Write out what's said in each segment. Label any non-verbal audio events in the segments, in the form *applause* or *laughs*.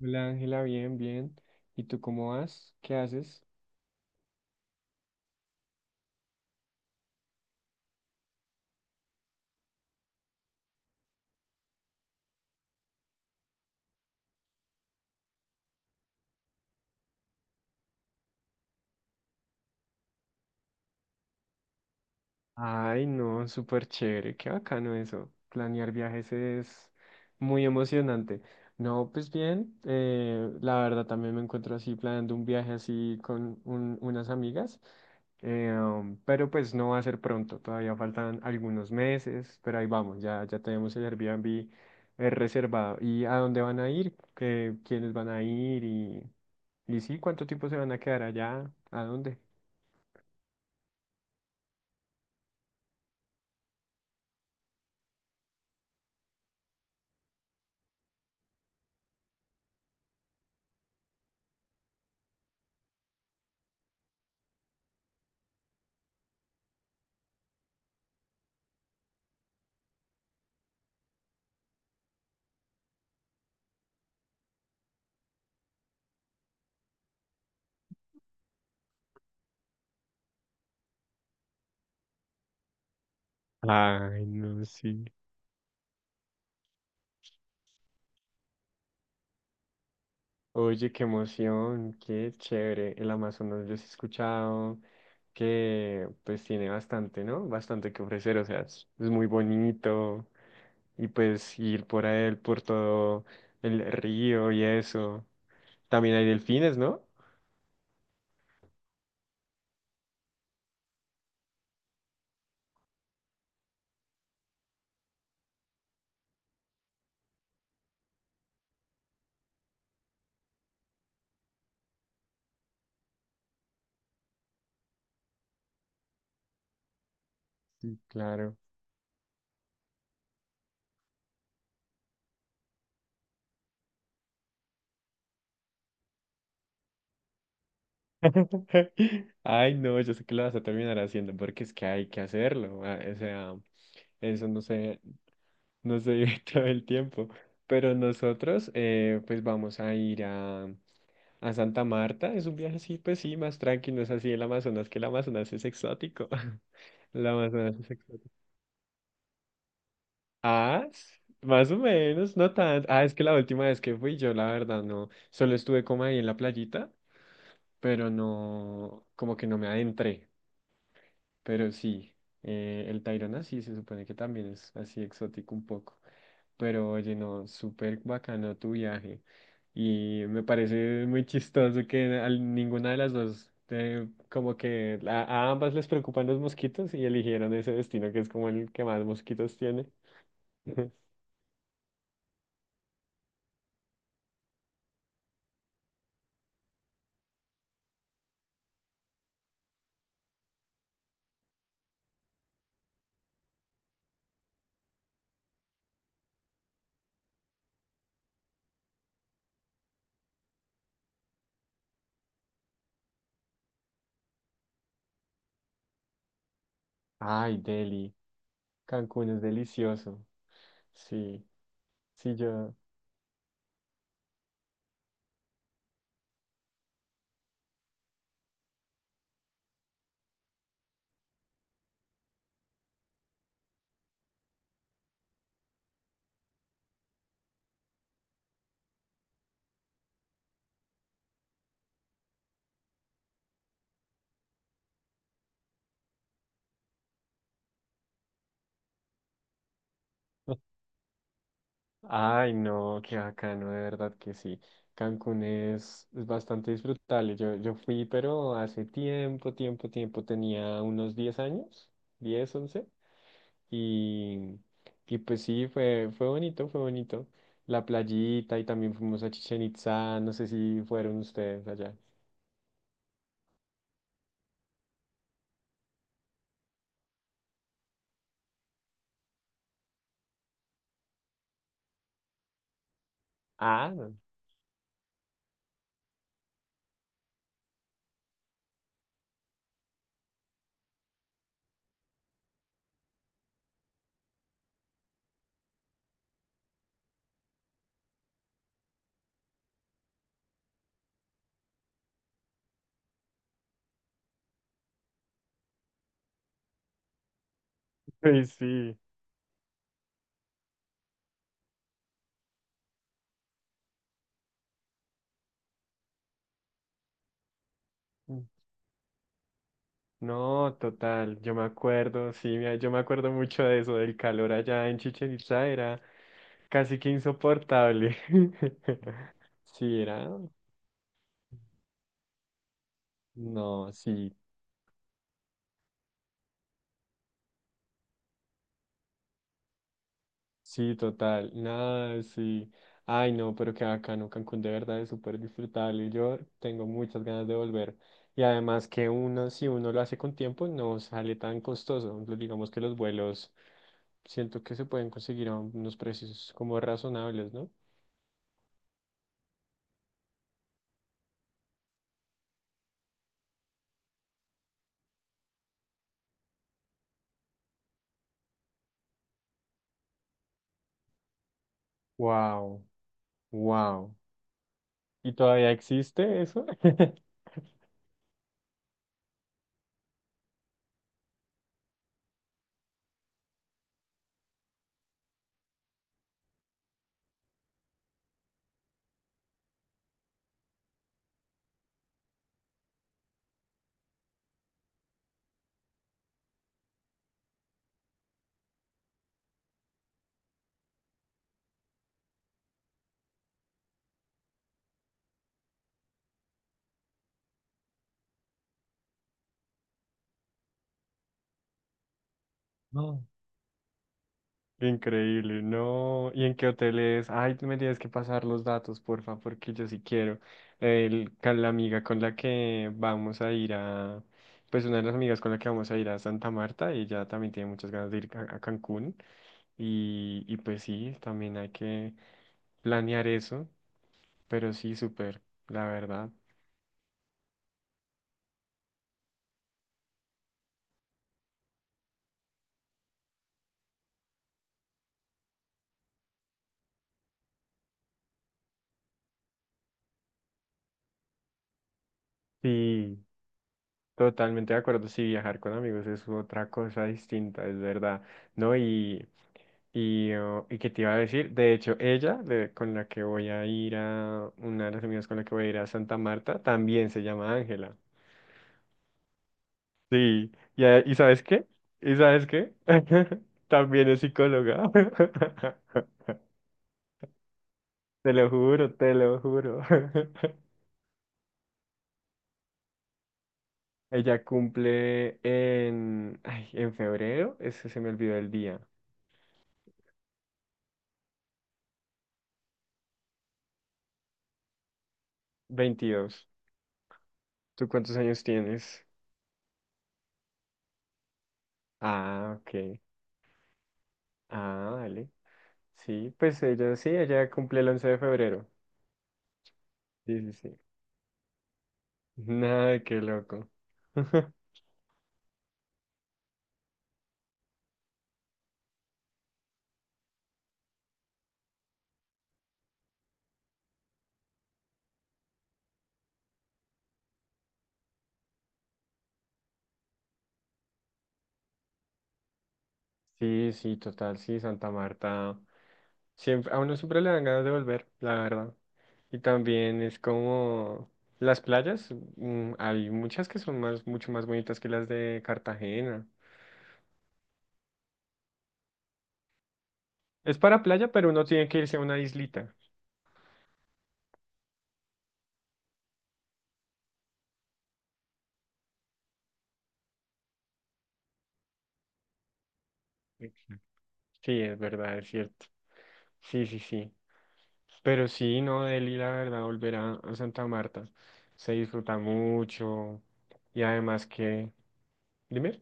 Hola Ángela, bien, bien. ¿Y tú cómo vas? ¿Qué haces? Ay, no, súper chévere, qué bacano eso. Planear viajes es muy emocionante. No, pues bien, la verdad también me encuentro así planeando un viaje así con unas amigas, pero pues no va a ser pronto, todavía faltan algunos meses, pero ahí vamos, ya tenemos el Airbnb reservado. ¿Y a dónde van a ir? ¿Qué, quiénes van a ir? ¿Y sí? ¿Cuánto tiempo se van a quedar allá? ¿A dónde? Ay, no, sí. Oye, qué emoción, qué chévere. El Amazonas yo sí he escuchado que pues tiene bastante, ¿no? Bastante que ofrecer, o sea, es muy bonito y pues ir por él, por todo el río y eso. También hay delfines, ¿no? Sí. Claro. *laughs* Ay, no, yo sé que lo vas a terminar haciendo porque es que hay que hacerlo. O sea, eso no sé, nos se vive *laughs* todo el tiempo. Pero nosotros, pues vamos a ir a Santa Marta. Es un viaje, así pues sí, más tranquilo. No es así el Amazonas, que el Amazonas es exótico. *laughs* El Amazonas es exótico. Más o menos, no tanto. Ah, es que la última vez que fui yo, la verdad, no. Solo estuve como ahí en la playita, pero no, como que no me adentré. Pero sí, el Tayrona sí se supone que también es así exótico un poco. Pero oye, no, súper bacano tu viaje. Y me parece muy chistoso que a ninguna de las dos, como que a ambas les preocupan los mosquitos y eligieron ese destino que es como el que más mosquitos tiene. *laughs* Ay, Delhi, Cancún es delicioso. Sí, sí, yo. *laughs* Ay, no, qué bacano, de verdad que sí. Cancún es bastante disfrutable. Yo fui, pero hace tiempo, tiempo, tiempo, tenía unos 10 años, 10, 11 y, y pues sí, fue, fue bonito, fue bonito. La playita y también fuimos a Chichen Itzá, no sé si fueron ustedes allá. Ah, no. *laughs* Ay, sí. No, total, yo me acuerdo, sí, mira, yo me acuerdo mucho de eso, del calor allá en Chichén Itzá era casi que insoportable. *laughs* Sí, era. No, sí, sí, total, nada, sí. Ay, no, pero qué bacano, Cancún de verdad es súper disfrutable. Yo tengo muchas ganas de volver. Y además que uno, si uno lo hace con tiempo, no sale tan costoso. Lo- Digamos que los vuelos siento que se pueden conseguir a unos precios como razonables, ¿no? Wow, wow. ¿Y todavía existe eso? *laughs* No. Increíble, no. ¿Y en qué hotel es? Ay, tú me tienes que pasar los datos, porfa, porque yo sí quiero. El, con la amiga con la que vamos a ir a, pues una de las amigas con la que vamos a ir a Santa Marta, ella también tiene muchas ganas de ir a Cancún. Y pues sí, también hay que planear eso, pero sí, súper, la verdad. Sí. Totalmente de acuerdo, sí, viajar con amigos es otra cosa distinta, es verdad, ¿no? Y, oh, y qué te iba a decir, de hecho, ella, con la que voy a ir a, una de las amigas con la que voy a ir a Santa Marta, también se llama Ángela. Sí, y, ¿y sabes qué? ¿Y sabes qué? *laughs* También es psicóloga. *laughs* Te lo juro, te lo juro. *laughs* Ella cumple en, ay, en febrero, ese se me olvidó el día, 22. ¿Tú cuántos años tienes? Ah, ok. Ah, vale. Sí, pues ella sí, ella cumple el 11 de febrero. Sí, sí, sí. *laughs* Nada, qué loco. *laughs* Sí, sí, total, sí, Santa Marta. Siempre, a uno siempre le dan ganas de volver, la verdad. Y también es como las playas, mm, hay muchas que son más, mucho más bonitas que las de Cartagena. Es para playa, pero uno tiene que irse a una islita. Exacto. Sí, es verdad, es cierto. Sí, sí, sí. Pero sí, no, Delhi, la verdad, volver a Santa Marta se disfruta mucho. Y además que, dime,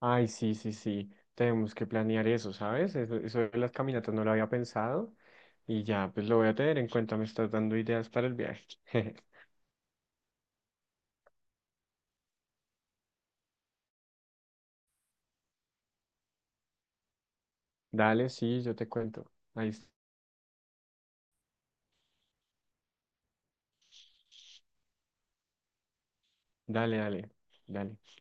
ay, sí, sí, sí, tenemos que planear eso, ¿sabes? Eso de las caminatas no lo había pensado y ya, pues lo voy a tener en cuenta, me estás dando ideas para el viaje. *laughs* Dale, sí, yo te cuento. Ahí, es- dale, dale, dale.